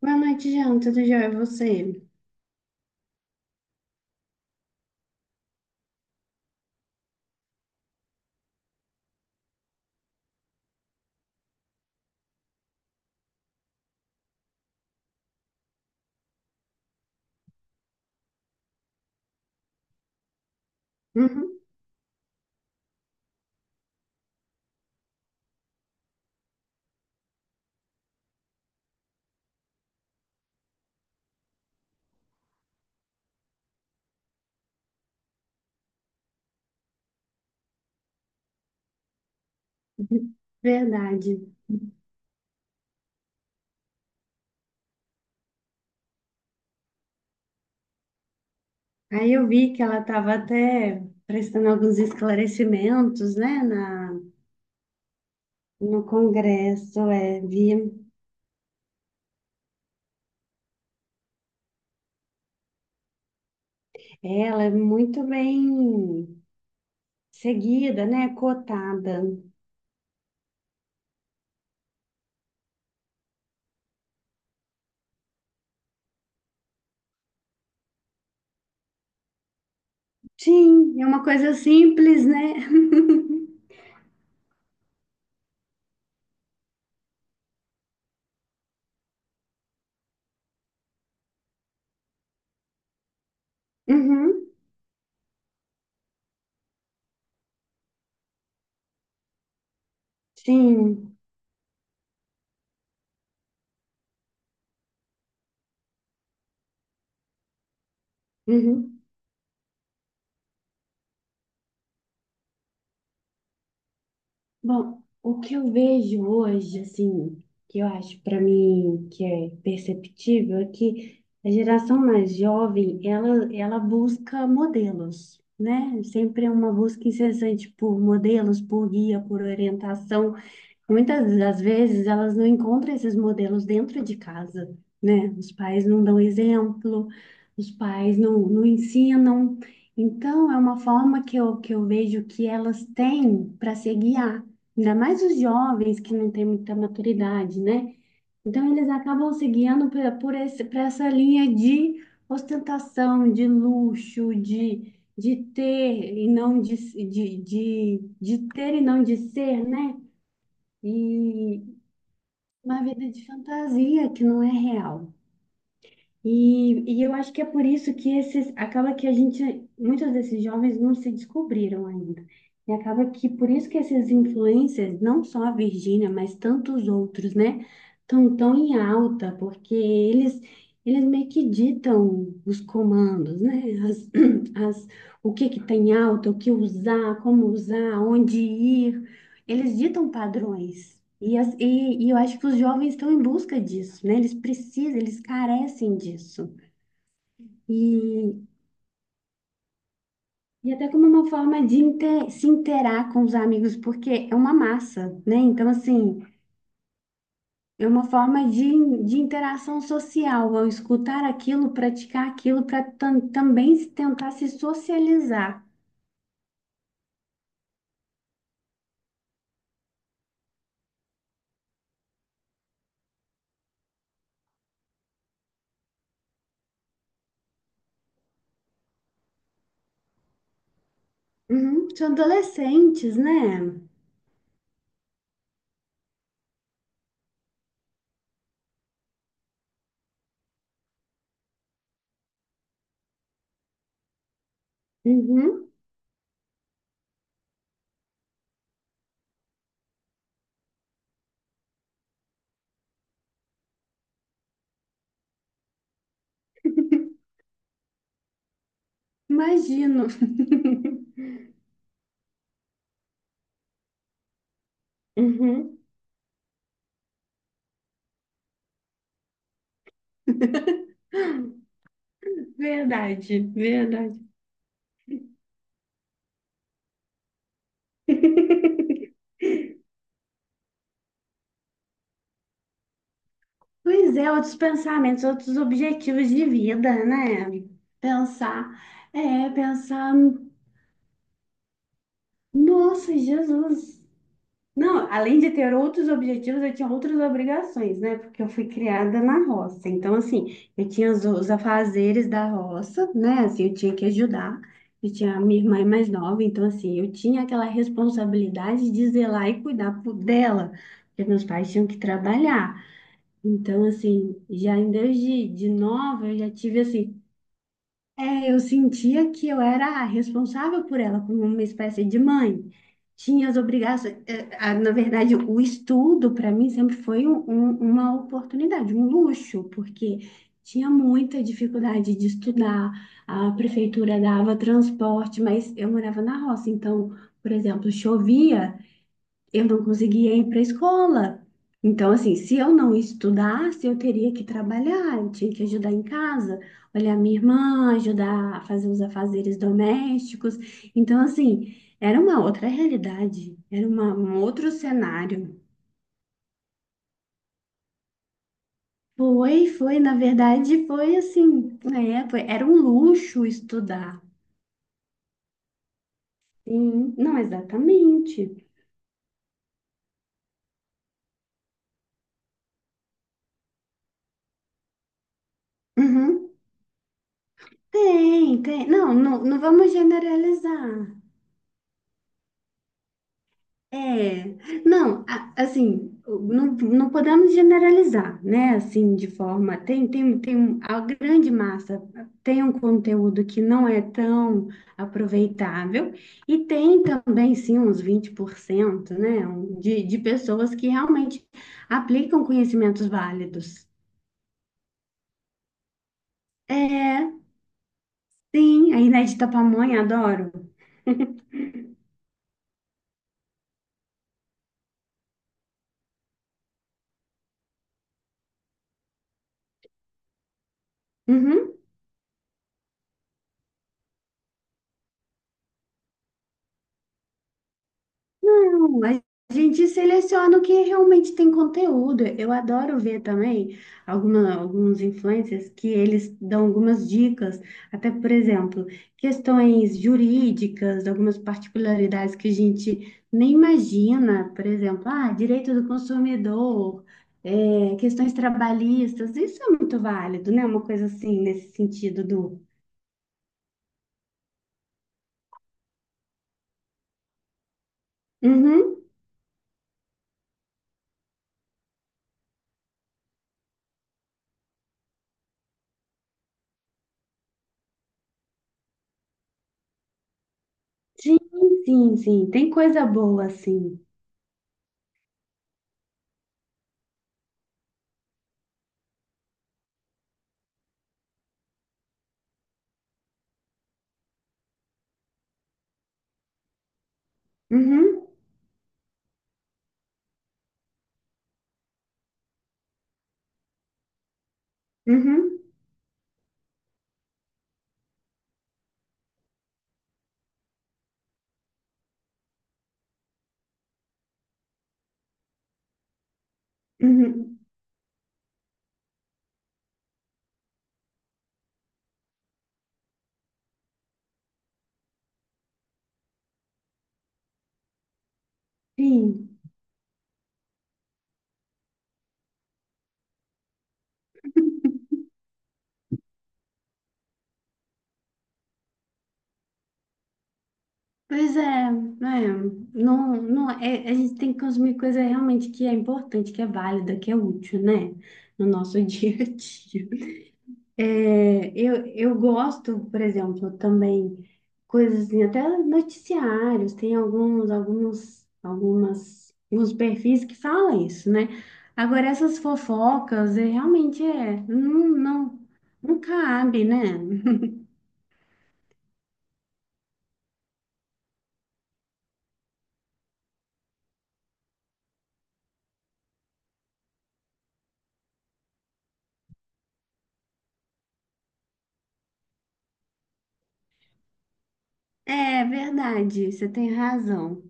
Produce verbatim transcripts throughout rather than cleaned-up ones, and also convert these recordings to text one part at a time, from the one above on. Boa noite, Jean. Tudo jóia? E você? Uhum. Verdade. Aí eu vi que ela estava até prestando alguns esclarecimentos, né, na, no Congresso. É, vi. Ela é muito bem seguida, né, cotada. Sim, é uma coisa simples, né? Uhum. Sim. Uhum. Bom, o que eu vejo hoje, assim, que eu acho para mim que é perceptível, é que a geração mais jovem, ela, ela busca modelos, né? Sempre é uma busca incessante por modelos, por guia, por orientação. Muitas das vezes elas não encontram esses modelos dentro de casa, né? Os pais não dão exemplo, os pais não, não ensinam. Então, é uma forma que eu, que eu vejo que elas têm para se guiar, ainda mais os jovens que não têm muita maturidade, né? Então, eles acabam se guiando por, por esse, por essa linha de ostentação, de luxo, de, de ter e não de, de, de, de ter e não de ser, né? E, uma vida de fantasia que não é real. E, e eu acho que é por isso que esses, acaba que a gente, muitos desses jovens não se descobriram ainda. E acaba que por isso que esses influencers, não só a Virgínia, mas tantos outros, né, estão tão em alta, porque eles, eles meio que ditam os comandos, né, as, as, o que que tem alta, o que usar, como usar, onde ir. Eles ditam padrões. E, as- e, e eu acho que os jovens estão em busca disso, né? Eles precisam, eles carecem disso. E, e até como uma forma de inte- se interar com os amigos, porque é uma massa, né? Então, assim, é uma forma de, de interação social, ao escutar aquilo, praticar aquilo, para também se tentar se socializar. Uhum, são adolescentes, né? Uhum, imagino. Uhum. Verdade, verdade. Pois é, outros pensamentos, outros objetivos de vida, né? Pensar, é, pensar, nossa, Jesus. Não, além de ter outros objetivos, eu tinha outras obrigações, né? Porque eu fui criada na roça. Então, assim, eu tinha os, os afazeres da roça, né? Assim, eu tinha que ajudar. Eu tinha a minha irmã é mais nova, então, assim, eu tinha aquela responsabilidade de zelar e cuidar por- dela, porque meus pais tinham que trabalhar. Então, assim, já em desde de nova, eu já tive assim, é, eu sentia que eu era responsável por ela, como uma espécie de mãe. Tinha as obrigações, é, a- na verdade, o estudo para mim sempre foi um- um- uma oportunidade, um luxo, porque tinha muita dificuldade de estudar, a prefeitura dava transporte, mas eu morava na roça, então, por exemplo, chovia eu não conseguia ir para a escola. Então, assim, se eu não estudasse, eu teria que trabalhar, eu tinha que ajudar em casa, olhar minha irmã, ajudar a fazer os afazeres domésticos. Então, assim, era uma outra realidade, era uma, um outro cenário. Foi, foi, na verdade, foi assim, é, foi- era um luxo estudar. Sim, não, exatamente. Uhum. Tem, tem. Não, não, não vamos generalizar. É, não, a- assim, não, não podemos generalizar, né? Assim, de forma, tem, tem, tem um, a grande massa tem um conteúdo que não é tão aproveitável e tem também, sim, uns vinte por cento né? um- De, de pessoas que realmente aplicam conhecimentos válidos. É, sim, a Inés de Tapamonha, adoro. Uhum. Não, a gente seleciona o que realmente tem conteúdo. Eu adoro ver também alguma, alguns influencers que eles dão algumas dicas, até, por exemplo, questões jurídicas, algumas particularidades que a gente nem imagina, por exemplo, ah, direito do consumidor, é, questões trabalhistas, isso é muito válido, né? Uma coisa assim, nesse sentido do... Uhum, sim, sim, sim, tem coisa boa, assim. Uhum, uhum. Uhum. Sim, pois é, né? Não, não, é, a gente tem que consumir coisa realmente que é importante, que é válida, que é útil, né? No nosso dia a dia. É, eu, eu gosto, por exemplo, também coisas assim, até noticiários, tem alguns, alguns, algumas, alguns perfis que falam isso, né? Agora, essas fofocas, é, realmente é, não, não, não cabe, né? É verdade, você tem razão.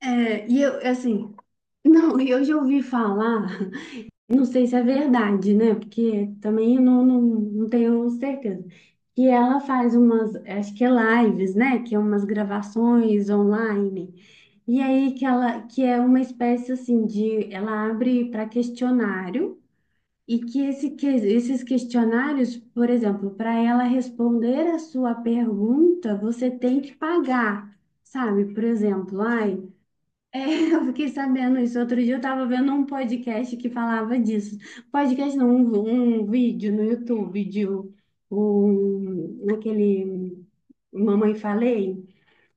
É, e eu, assim, não, e eu já ouvi falar, não sei se é verdade, né? Porque também eu não, não, não tenho certeza. Que ela faz umas, acho que é lives, né? Que é umas gravações online. E aí que ela, que é uma espécie assim de, ela abre para questionário e que, esse, que esses questionários, por exemplo, para ela responder a sua pergunta, você tem que pagar, sabe? Por exemplo, ai, é, eu fiquei sabendo isso. Outro dia eu tava vendo um podcast que falava disso. Podcast não, um, um vídeo no YouTube de um, um- aquele Mamãe Falei.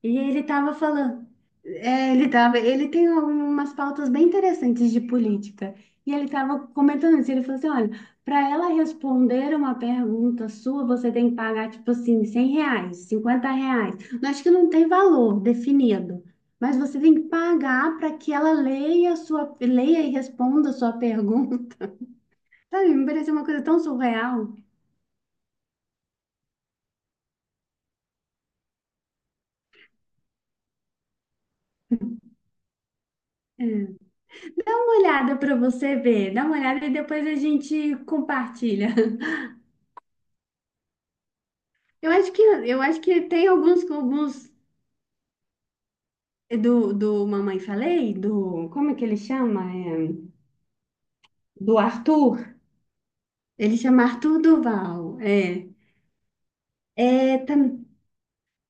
E ele estava falando, é, ele tava, ele tem algumas pautas bem interessantes de política. E ele estava comentando isso, ele falou assim, olha, para ela responder uma pergunta sua, você tem que pagar, tipo assim, cem reais, cinquenta reais. Eu acho que não tem valor definido, mas você tem que pagar para que ela leia a sua, leia e responda a sua pergunta. Sabe, me pareceu uma coisa tão surreal. É. Dá uma olhada para você ver, dá uma olhada e depois a gente compartilha. Eu acho que eu acho que tem alguns alguns do, do Mamãe Falei, do como é que ele chama? É, do Arthur. Ele chama Arthur Duval. É. É, tam-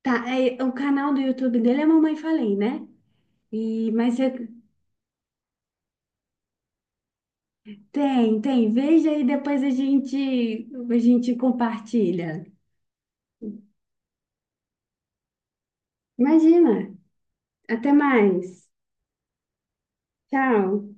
tá, é, o canal do YouTube dele é Mamãe Falei, né? E mas é- tem, tem, veja e depois a gente a gente compartilha. Imagina. Até mais. Tchau.